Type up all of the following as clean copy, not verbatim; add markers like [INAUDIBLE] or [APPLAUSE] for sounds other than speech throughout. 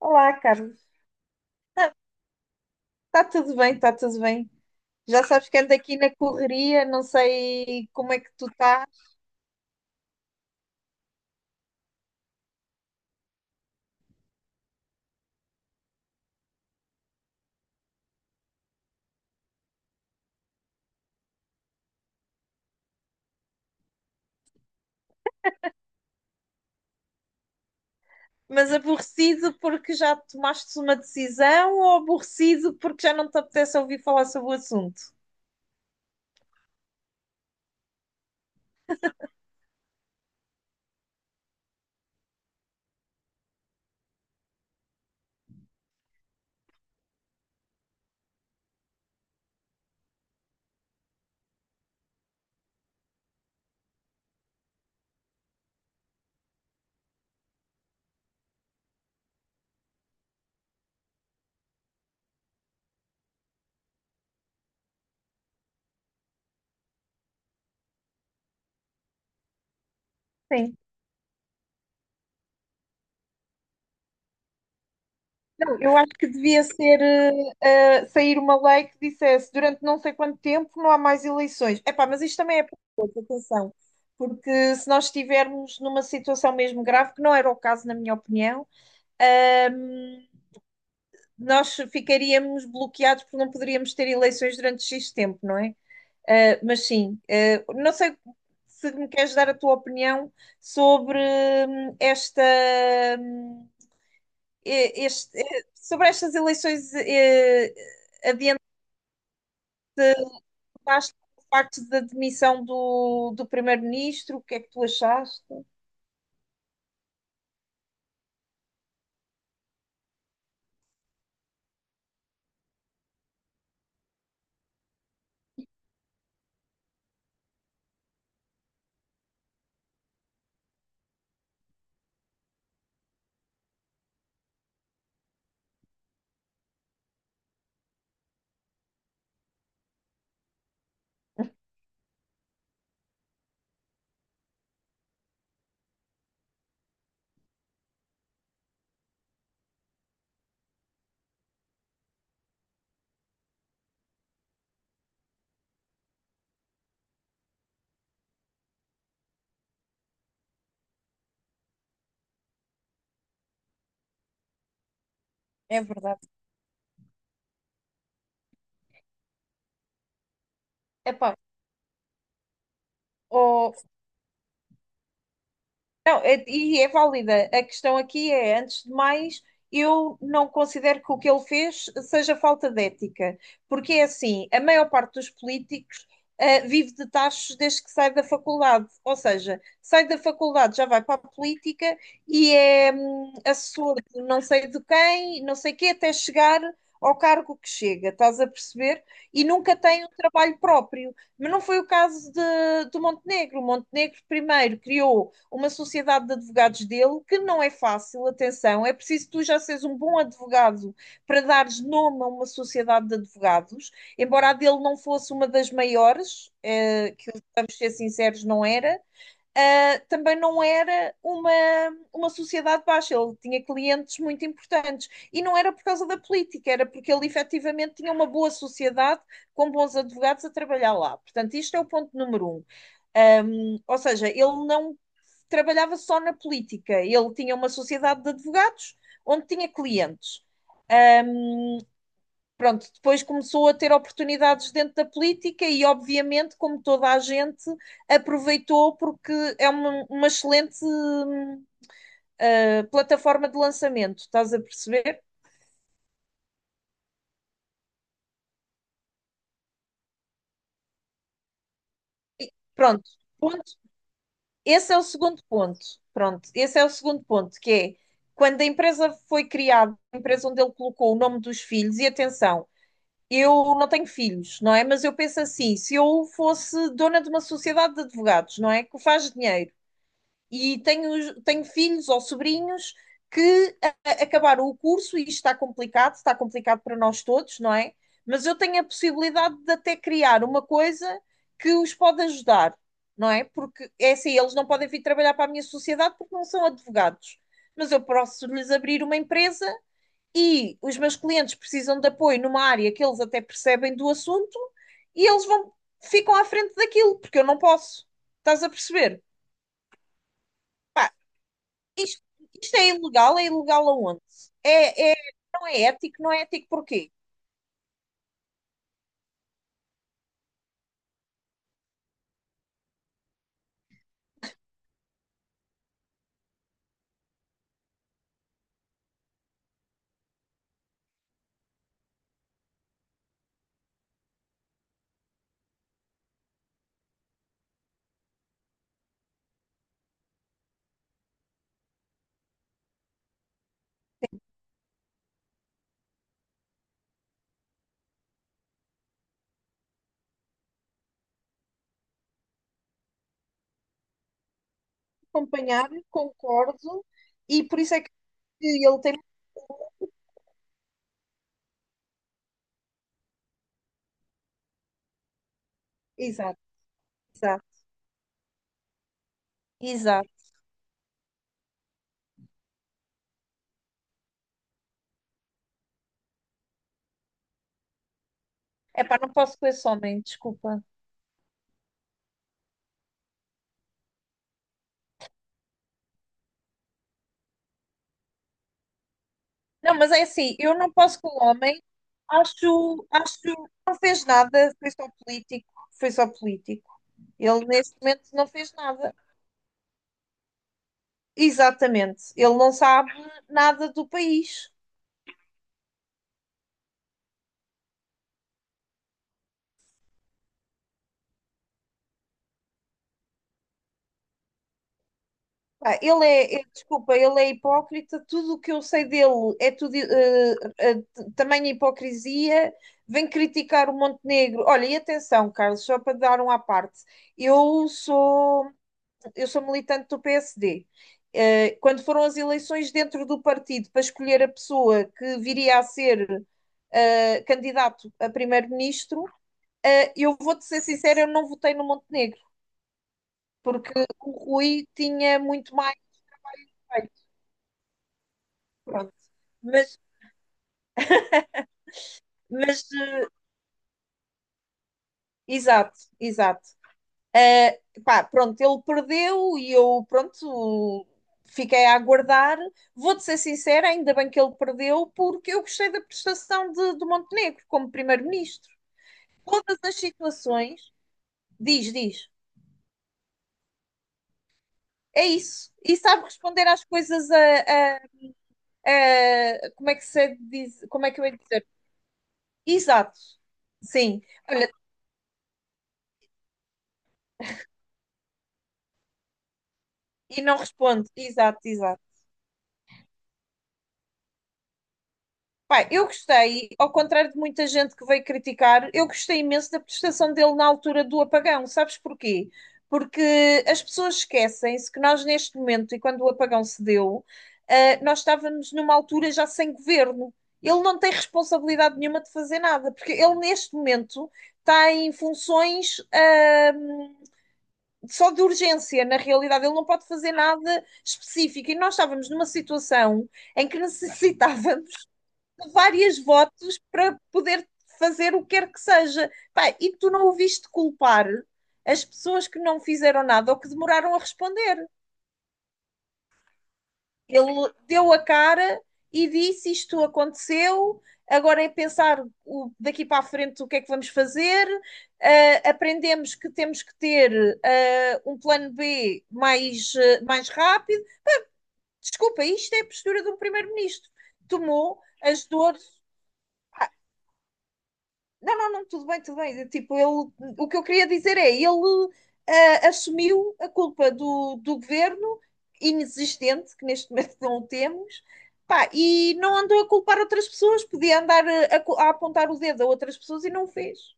Olá, Carlos. Está tudo bem, está tudo bem. Já sabes que ando aqui na correria, não sei como é que tu estás, mas aborrecido porque já tomaste uma decisão ou aborrecido porque já não te apetece ouvir falar sobre o assunto? Sim. Não, eu acho que devia ser sair uma lei que dissesse durante não sei quanto tempo não há mais eleições. Epá, mas isto também é perigoso, atenção, porque se nós estivermos numa situação mesmo grave, que não era o caso, na minha opinião. Nós ficaríamos bloqueados porque não poderíamos ter eleições durante X tempo, não é? Mas sim, não sei se me queres dar a tua opinião sobre esta. hum, Sobre estas eleições, adiantaste o facto da demissão do primeiro-ministro, o que é que tu achaste? É verdade. Epá, ó. Não, e é válida. A questão aqui é, antes de mais, eu não considero que o que ele fez seja falta de ética, porque é assim, a maior parte dos políticos vive de tachos desde que sai da faculdade, ou seja, sai da faculdade, já vai para a política e é assessor de não sei de quem, não sei quê, até chegar ao cargo que chega, estás a perceber? E nunca tem um trabalho próprio. Mas não foi o caso de, do Montenegro. O Montenegro primeiro criou uma sociedade de advogados dele, que não é fácil, atenção, é preciso tu já seres um bom advogado para dares nome a uma sociedade de advogados, embora a dele não fosse uma das maiores, que vamos ser sinceros, não era. Também não era uma sociedade baixa, ele tinha clientes muito importantes. E não era por causa da política, era porque ele efetivamente tinha uma boa sociedade com bons advogados a trabalhar lá. Portanto, isto é o ponto número um. Um, ou seja, ele não trabalhava só na política, ele tinha uma sociedade de advogados onde tinha clientes. Pronto, depois começou a ter oportunidades dentro da política e, obviamente, como toda a gente, aproveitou porque é uma excelente plataforma de lançamento, estás a perceber? Pronto, ponto. Esse é o segundo ponto. Pronto, esse é o segundo ponto, que é quando a empresa foi criada, a empresa onde ele colocou o nome dos filhos, e atenção, eu não tenho filhos, não é? Mas eu penso assim: se eu fosse dona de uma sociedade de advogados, não é? Que faz dinheiro e tenho filhos ou sobrinhos que acabaram o curso e isto está complicado para nós todos, não é? Mas eu tenho a possibilidade de até criar uma coisa que os pode ajudar, não é? Porque é assim, eles não podem vir trabalhar para a minha sociedade porque não são advogados. Mas eu posso lhes abrir uma empresa e os meus clientes precisam de apoio numa área que eles até percebem do assunto e eles vão, ficam à frente daquilo, porque eu não posso. Estás a perceber? Pá, isto, isto é ilegal aonde? É, é, não é ético, não é ético porquê? Acompanhar, concordo, e por isso é que ele tem. Exato, exato, exato. É pá, não posso com esse homem, desculpa. Não, mas é assim, eu não posso com o homem, acho, acho, não fez nada, foi só político, foi só político. Ele neste momento não fez nada. Exatamente. Ele não sabe nada do país. Pá, desculpa, ele é hipócrita. Tudo o que eu sei dele é tudo tamanha hipocrisia. Vem criticar o Montenegro. Olha, e atenção, Carlos, só para dar um à parte. Eu sou, eu sou militante do PSD. Quando foram as eleições dentro do partido para escolher a pessoa que viria a ser candidato a primeiro-ministro, eu vou-te ser sincera, eu não votei no Montenegro, porque o Rui tinha muito mais feito, pronto. Mas, mas, exato, exato. Pá, pronto, ele perdeu e eu, pronto, fiquei a aguardar. Vou-te ser sincera, ainda bem que ele perdeu, porque eu gostei da prestação de, do Montenegro como primeiro-ministro. Todas as situações, diz, diz. É isso. E sabe responder às coisas como é que se diz, como é que eu ia dizer? Exato, sim. E não responde. Exato, exato. Pá, eu gostei, ao contrário de muita gente que veio criticar, eu gostei imenso da prestação dele na altura do apagão. Sabes porquê? Porque as pessoas esquecem-se que nós, neste momento, e quando o apagão se deu, nós estávamos numa altura já sem governo. Ele não tem responsabilidade nenhuma de fazer nada, porque ele, neste momento, está em funções, só de urgência, na realidade, ele não pode fazer nada específico. E nós estávamos numa situação em que necessitávamos de vários votos para poder fazer o que quer que seja. Pá, e tu não ouviste culpar as pessoas que não fizeram nada ou que demoraram a responder. Ele deu a cara e disse: Isto aconteceu, agora é pensar daqui para a frente o que é que vamos fazer. Aprendemos que temos que ter um plano B mais, mais rápido. Desculpa, isto é a postura de um primeiro-ministro. Tomou as dores. Não, não, não, tudo bem, tudo bem. Tipo, ele, o que eu queria dizer é, ele assumiu a culpa do governo inexistente, que neste momento [LAUGHS] não o temos, pá, e não andou a culpar outras pessoas, podia andar a apontar o dedo a outras pessoas e não o fez.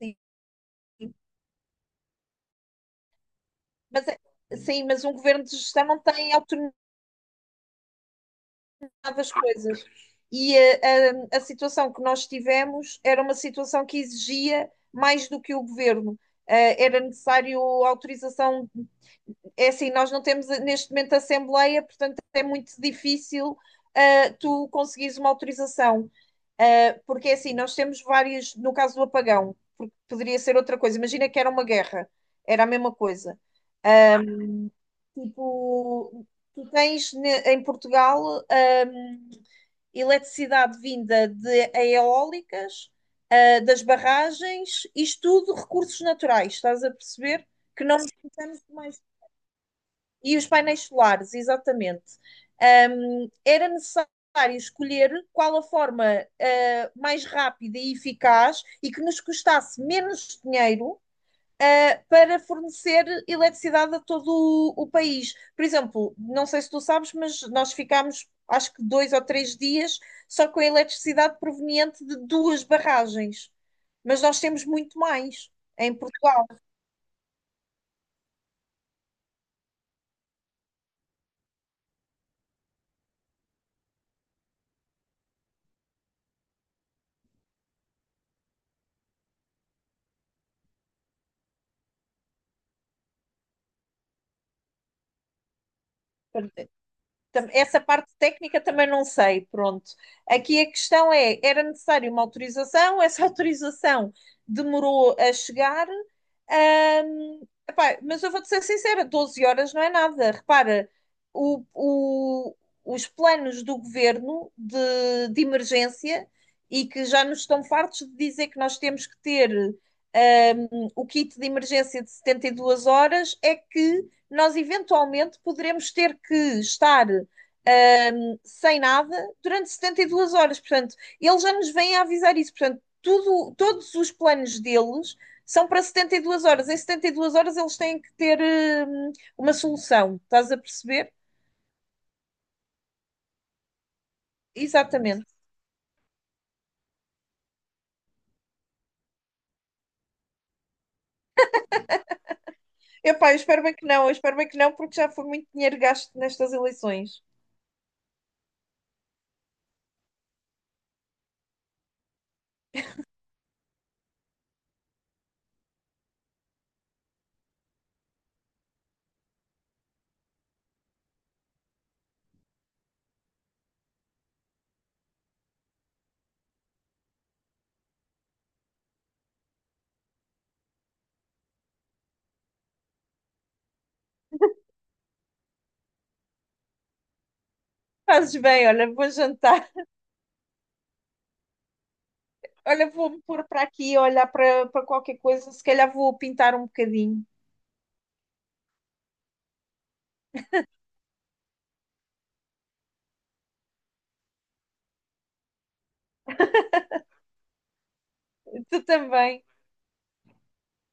Sim, mas, é- sim, mas um governo de gestão não tem autonomia das coisas. E a situação que nós tivemos era uma situação que exigia mais do que o governo. Era necessário autorização. É assim, nós não temos neste momento assembleia, portanto é muito difícil, tu conseguires uma autorização. Porque é assim, nós temos várias, no caso do apagão, porque poderia ser outra coisa. Imagina que era uma guerra, era a mesma coisa. Tipo, em Portugal eletricidade vinda de eólicas, das barragens, isto tudo recursos naturais, estás a perceber? Que não precisamos de mais. E os painéis solares, exatamente. Era necessário escolher qual a forma mais rápida e eficaz e que nos custasse menos dinheiro para fornecer eletricidade a todo o país. Por exemplo, não sei se tu sabes, mas nós ficámos acho que dois ou três dias só com a eletricidade proveniente de duas barragens. Mas nós temos muito mais em Portugal. Essa parte técnica também não sei, pronto. Aqui a questão é, era necessário uma autorização, essa [LAUGHS] autorização demorou a chegar. Ahm, Epá, mas eu vou-te ser sincera, 12 horas não é nada. Repara, o- o- os planos do governo de emergência e que já nos estão fartos de dizer que nós temos que ter o kit de emergência de 72 horas é que nós eventualmente poderemos ter que estar sem nada, durante 72 horas. Portanto, eles já nos vêm a avisar isso. Portanto, tudo, todos os planos deles são para 72 horas. Em 72 horas eles têm que ter hum, uma solução. Estás a perceber? Exatamente. Epá, eu espero bem que não, eu espero bem que não, porque já foi muito dinheiro gasto nestas eleições. Fazes bem, olha, vou jantar. [LAUGHS] Olha, vou-me pôr para aqui, olhar para, para qualquer coisa. Se calhar vou pintar um bocadinho. Tu também.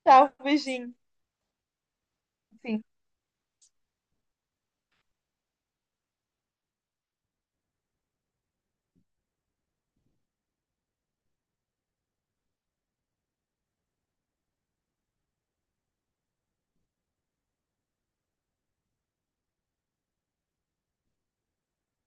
Tchau, beijinho. Sim.